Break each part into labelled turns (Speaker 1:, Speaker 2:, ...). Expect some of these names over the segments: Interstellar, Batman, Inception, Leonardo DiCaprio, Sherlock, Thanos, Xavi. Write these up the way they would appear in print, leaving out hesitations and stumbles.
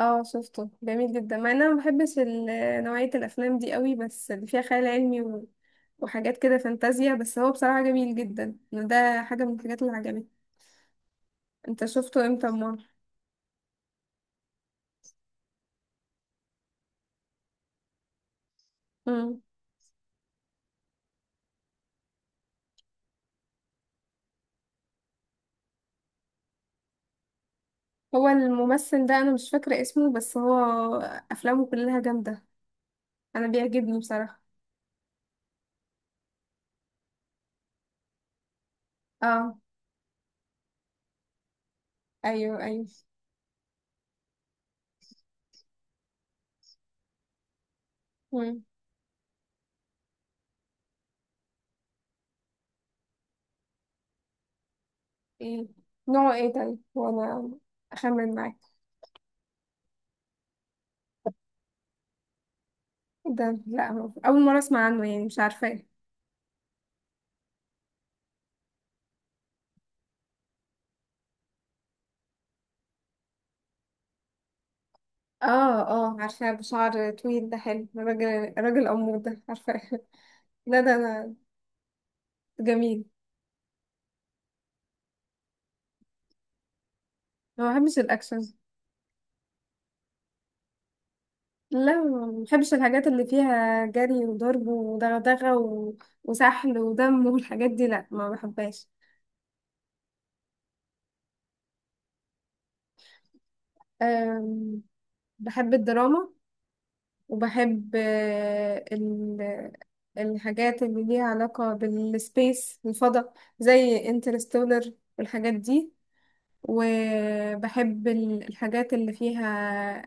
Speaker 1: اه، شفته جميل جدا، مع ان انا ما بحبش نوعية الافلام دي قوي، بس اللي فيها خيال علمي و... وحاجات كده فانتازيا. بس هو بصراحة جميل جدا، ده حاجة من الحاجات اللي عجبتني. انت شفته امتى مرة؟ مم. هو الممثل ده انا مش فاكرة اسمه، بس هو افلامه كلها جامدة، انا بيعجبني بصراحة. اه، ايوه، ايوه. مم. ايه نوعه ايه طيب؟ وانا اخمن معاك. ده لا، هو اول مرة اسمع عنه، يعني مش عارفاه. اه، اه، عارفاه، بشعر طويل، ده حلو، راجل راجل أمور، ده عارفاه لا ده أنا. جميل. ما بحبش الأكشن. لا، ما بحبش الحاجات اللي فيها جري وضرب ودغدغة و... وسحل ودم والحاجات دي، لا ما بحبهاش. أم... بحب الدراما. وبحب الحاجات اللي ليها علاقة بالسبيس، الفضاء. زي انترستولر والحاجات دي. وبحب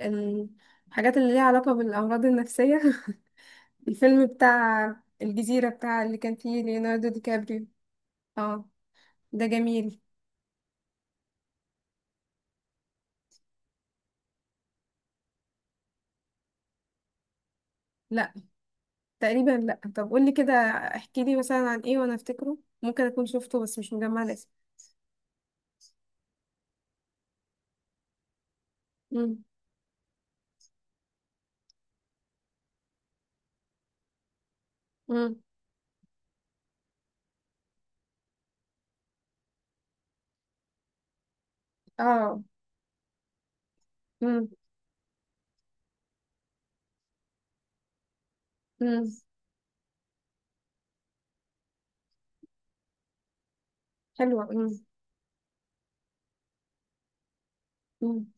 Speaker 1: ال- الحاجات اللي ليها علاقة بالأمراض النفسية الفيلم بتاع الجزيرة، بتاع اللي كان فيه ليوناردو دي كابريو. اه، ده جميل. لا، تقريبا لا. طب قولي كده، احكي لي مثلا عن ايه وانا افتكره، ممكن اكون شفته بس مش مجمعة الاسم. امم. امم. اه. امم. امم، حلوة. امم.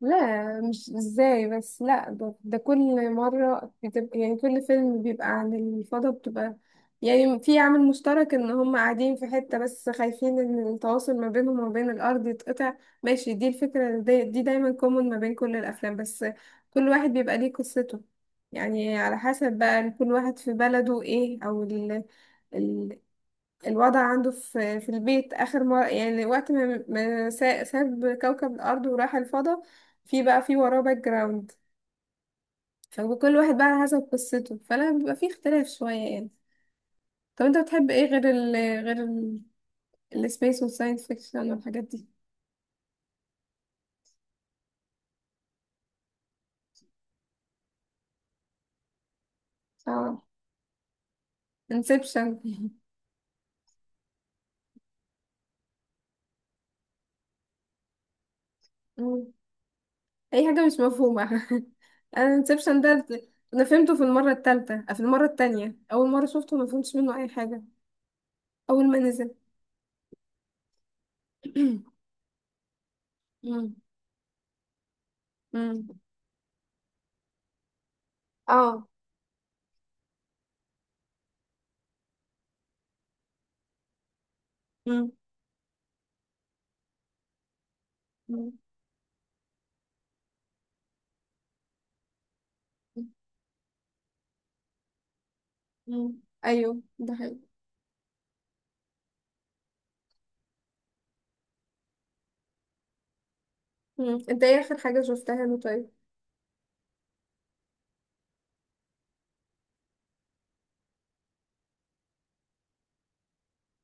Speaker 1: لا مش ازاي بس، لا، ده كل مرة بتبقى، يعني كل فيلم بيبقى عن الفضاء بتبقى، يعني في عامل مشترك ان هم قاعدين في حتة بس خايفين ان التواصل ما بينهم وما بين الارض يتقطع. ماشي، دي الفكرة دي، دي دايما كومن ما بين كل الافلام، بس كل واحد بيبقى ليه قصته، يعني على حسب بقى كل واحد في بلده ايه، او الوضع عنده في البيت، آخر مرة يعني، وقت ما ساب كوكب الأرض وراح الفضاء، في بقى في وراه باك جراوند. فكل واحد بقى على حسب قصته، فلا بيبقى في اختلاف شوية يعني. طب انت بتحب ايه غير ال غير ال السبيس والساينس فيكشن والحاجات دي؟ اه، انسبشن، اي حاجة مش مفهومة انا انسبشن ده، انا فهمته في المرة التالتة، في المرة التانية اول مرة شفته ما فهمتش منه اي حاجة، اول ما نزل. مم. مم. اه. مم. مم. مم، ايوه ده حلو. مم. انت ايه اخر حاجة شفتها له طيب؟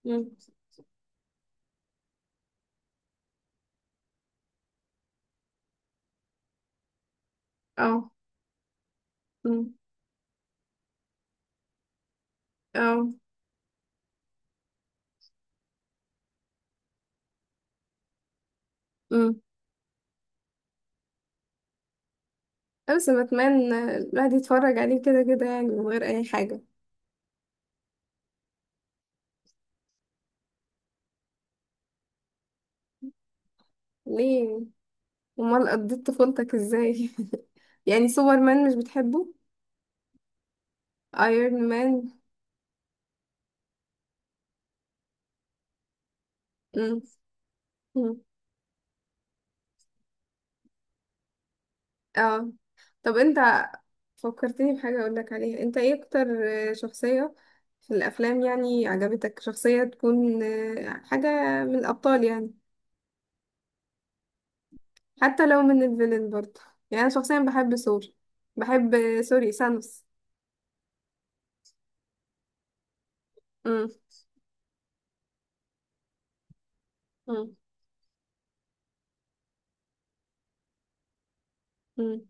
Speaker 1: مم. اه. مم. اه. مم. بس بتمنى الواحد يتفرج عليه كده كده، يعني من غير اي حاجة. ليه؟ امال قضيت طفولتك ازاي؟ يعني سوبر مان مش بتحبه؟ ايرون مان؟ مم. مم. اه. طب انت فكرتني بحاجة اقول لك عليها، انت ايه اكتر شخصية في الافلام، يعني عجبتك شخصية تكون حاجة من الابطال يعني، حتى لو من الفيلن برضه؟ يعني انا شخصيا بحب سوري سانوس. امم. امم. امم.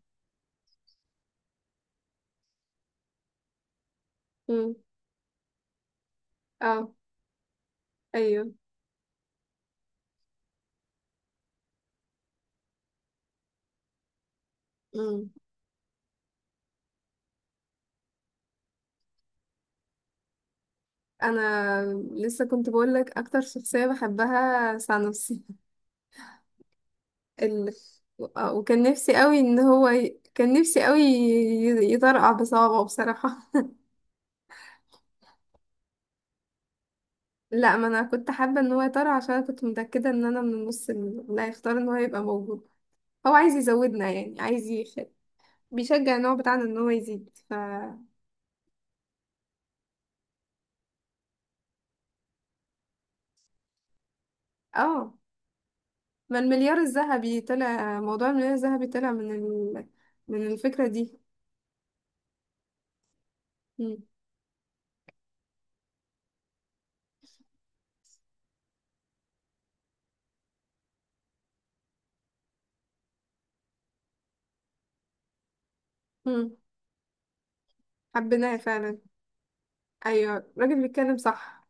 Speaker 1: امم. اه. ايوه. امم. انا لسه كنت بقول لك اكتر شخصيه بحبها سانوس ال... آه، وكان نفسي قوي ان هو ي... كان نفسي قوي ي- يطرقع بصوابعه بصراحه. لا، ما انا كنت حابه ان هو يطرقع عشان انا كنت متاكده ان انا من النص اللي هيختار ان هو يبقى موجود. هو عايز يزودنا يعني، عايز بيشجع النوع بتاعنا ان هو يزيد اه، ما المليار الذهبي طلع موضوع المليار الذهبي طلع من من الفكرة دي. مم. مم. حبيناه فعلا. ايوه الراجل بيتكلم صح.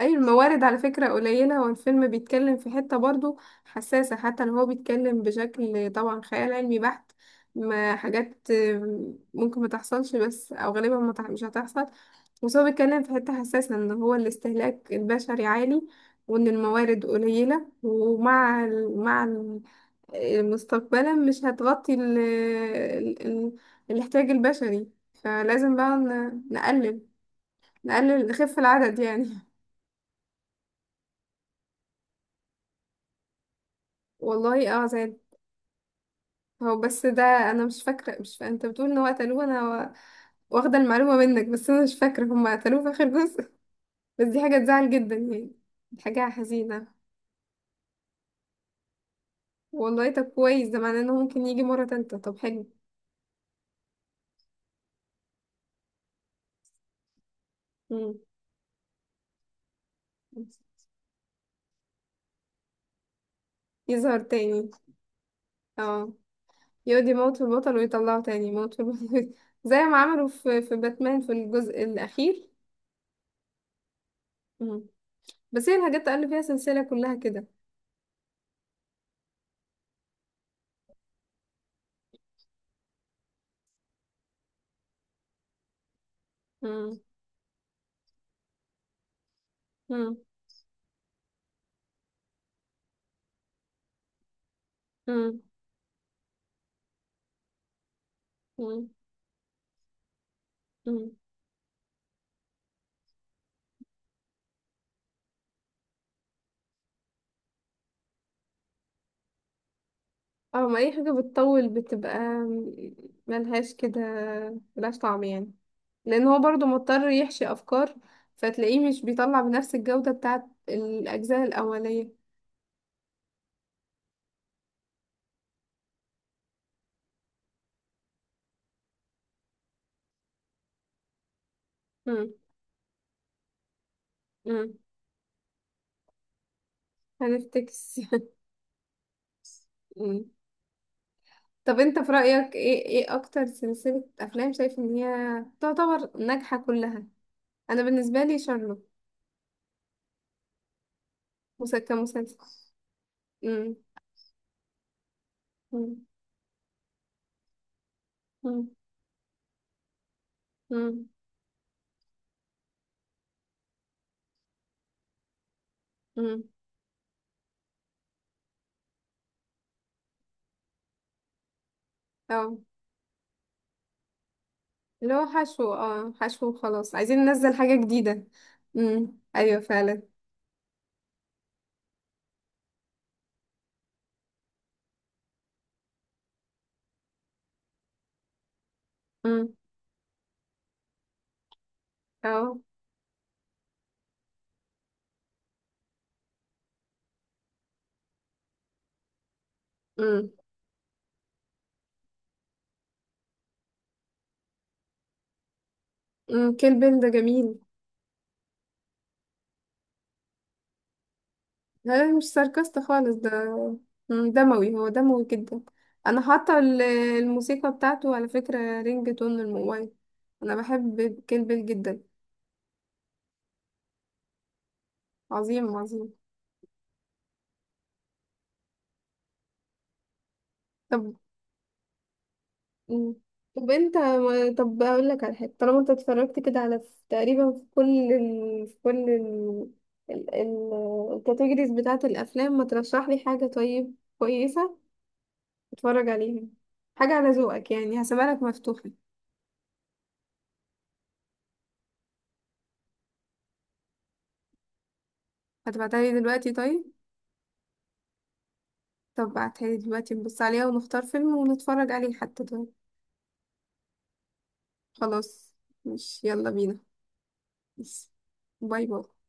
Speaker 1: ايوه الموارد على فكرة قليلة، والفيلم بيتكلم في حتة برضو حساسة، حتى لو هو بيتكلم بشكل طبعا خيال علمي بحت، ما حاجات ممكن ما تحصلش، بس او غالبا ما تح- مش هتحصل. بس هو بيتكلم في حتة حساسة، ان هو الاستهلاك البشري عالي، وان الموارد قليلة، ومع مع، مستقبلا مش هتغطي ال ال ال الاحتياج البشري. فلازم بقى نقلل نخف العدد يعني. والله؟ اه، زاد. هو بس ده انا مش فاكرة. انت بتقول ان هو قتلوه، انا واخده المعلومه منك بس انا مش فاكره هم قتلوه في اخر جزء بس دي حاجه تزعل جدا يعني، دي حاجه حزينه. والله؟ طب كويس، ده معناه انه ممكن يجي مره تالتة. طب حلو. مم. يظهر تاني. اه، يقعد يموت في البطل ويطلعه تاني يموت في البطل زي ما عملوا في باتمان في الجزء الأخير. مم. بس هي الحاجات اللي فيها سلسلة كلها كده. مم. مم. مم. مم. مم. اه، ما أي حاجة بتطول بتبقى ملهاش كده، ملهاش طعم يعني، لأن هو برضو مضطر يحشي أفكار، فتلاقيه مش بيطلع بنفس الجودة بتاعت الأجزاء الأولية. مم. مم. هنفتكس طب انت في رأيك ايه اكتر سلسلة افلام شايف ان هي تعتبر ناجحة كلها؟ انا بالنسبة لي شارلوك، مسلسل كمسلسل. امم. امم. امم. امم. امم. اه. اللي هو حشو، وخلاص عايزين ننزل حاجة جديدة. امم، ايوه فعلا. امم. اه. امم. امم، كيل بيل ده جميل. لا لا، مش ساركاست خالص ده. مم، دموي، هو دموي جدا. انا حاطه الموسيقى بتاعته على فكره رينج تون الموبايل. انا بحب كين بيل جدا. عظيم عظيم. طب. مم. طب انت ما- طب اقول لك على حاجه، طالما انت اتفرجت كده تقريبا في كل ال... ال... الكاتيجوريز بتاعه الافلام، ما ترشح لي حاجه طيب كويسه اتفرج عليها، حاجه على ذوقك يعني، هسيبها لك مفتوحه. هتبعتها لي دلوقتي طيب؟ طب بعتها دلوقتي نبص عليها ونختار فيلم ونتفرج عليه حتى، طيب. خلاص. مش، يلا بينا. بس. باي باي.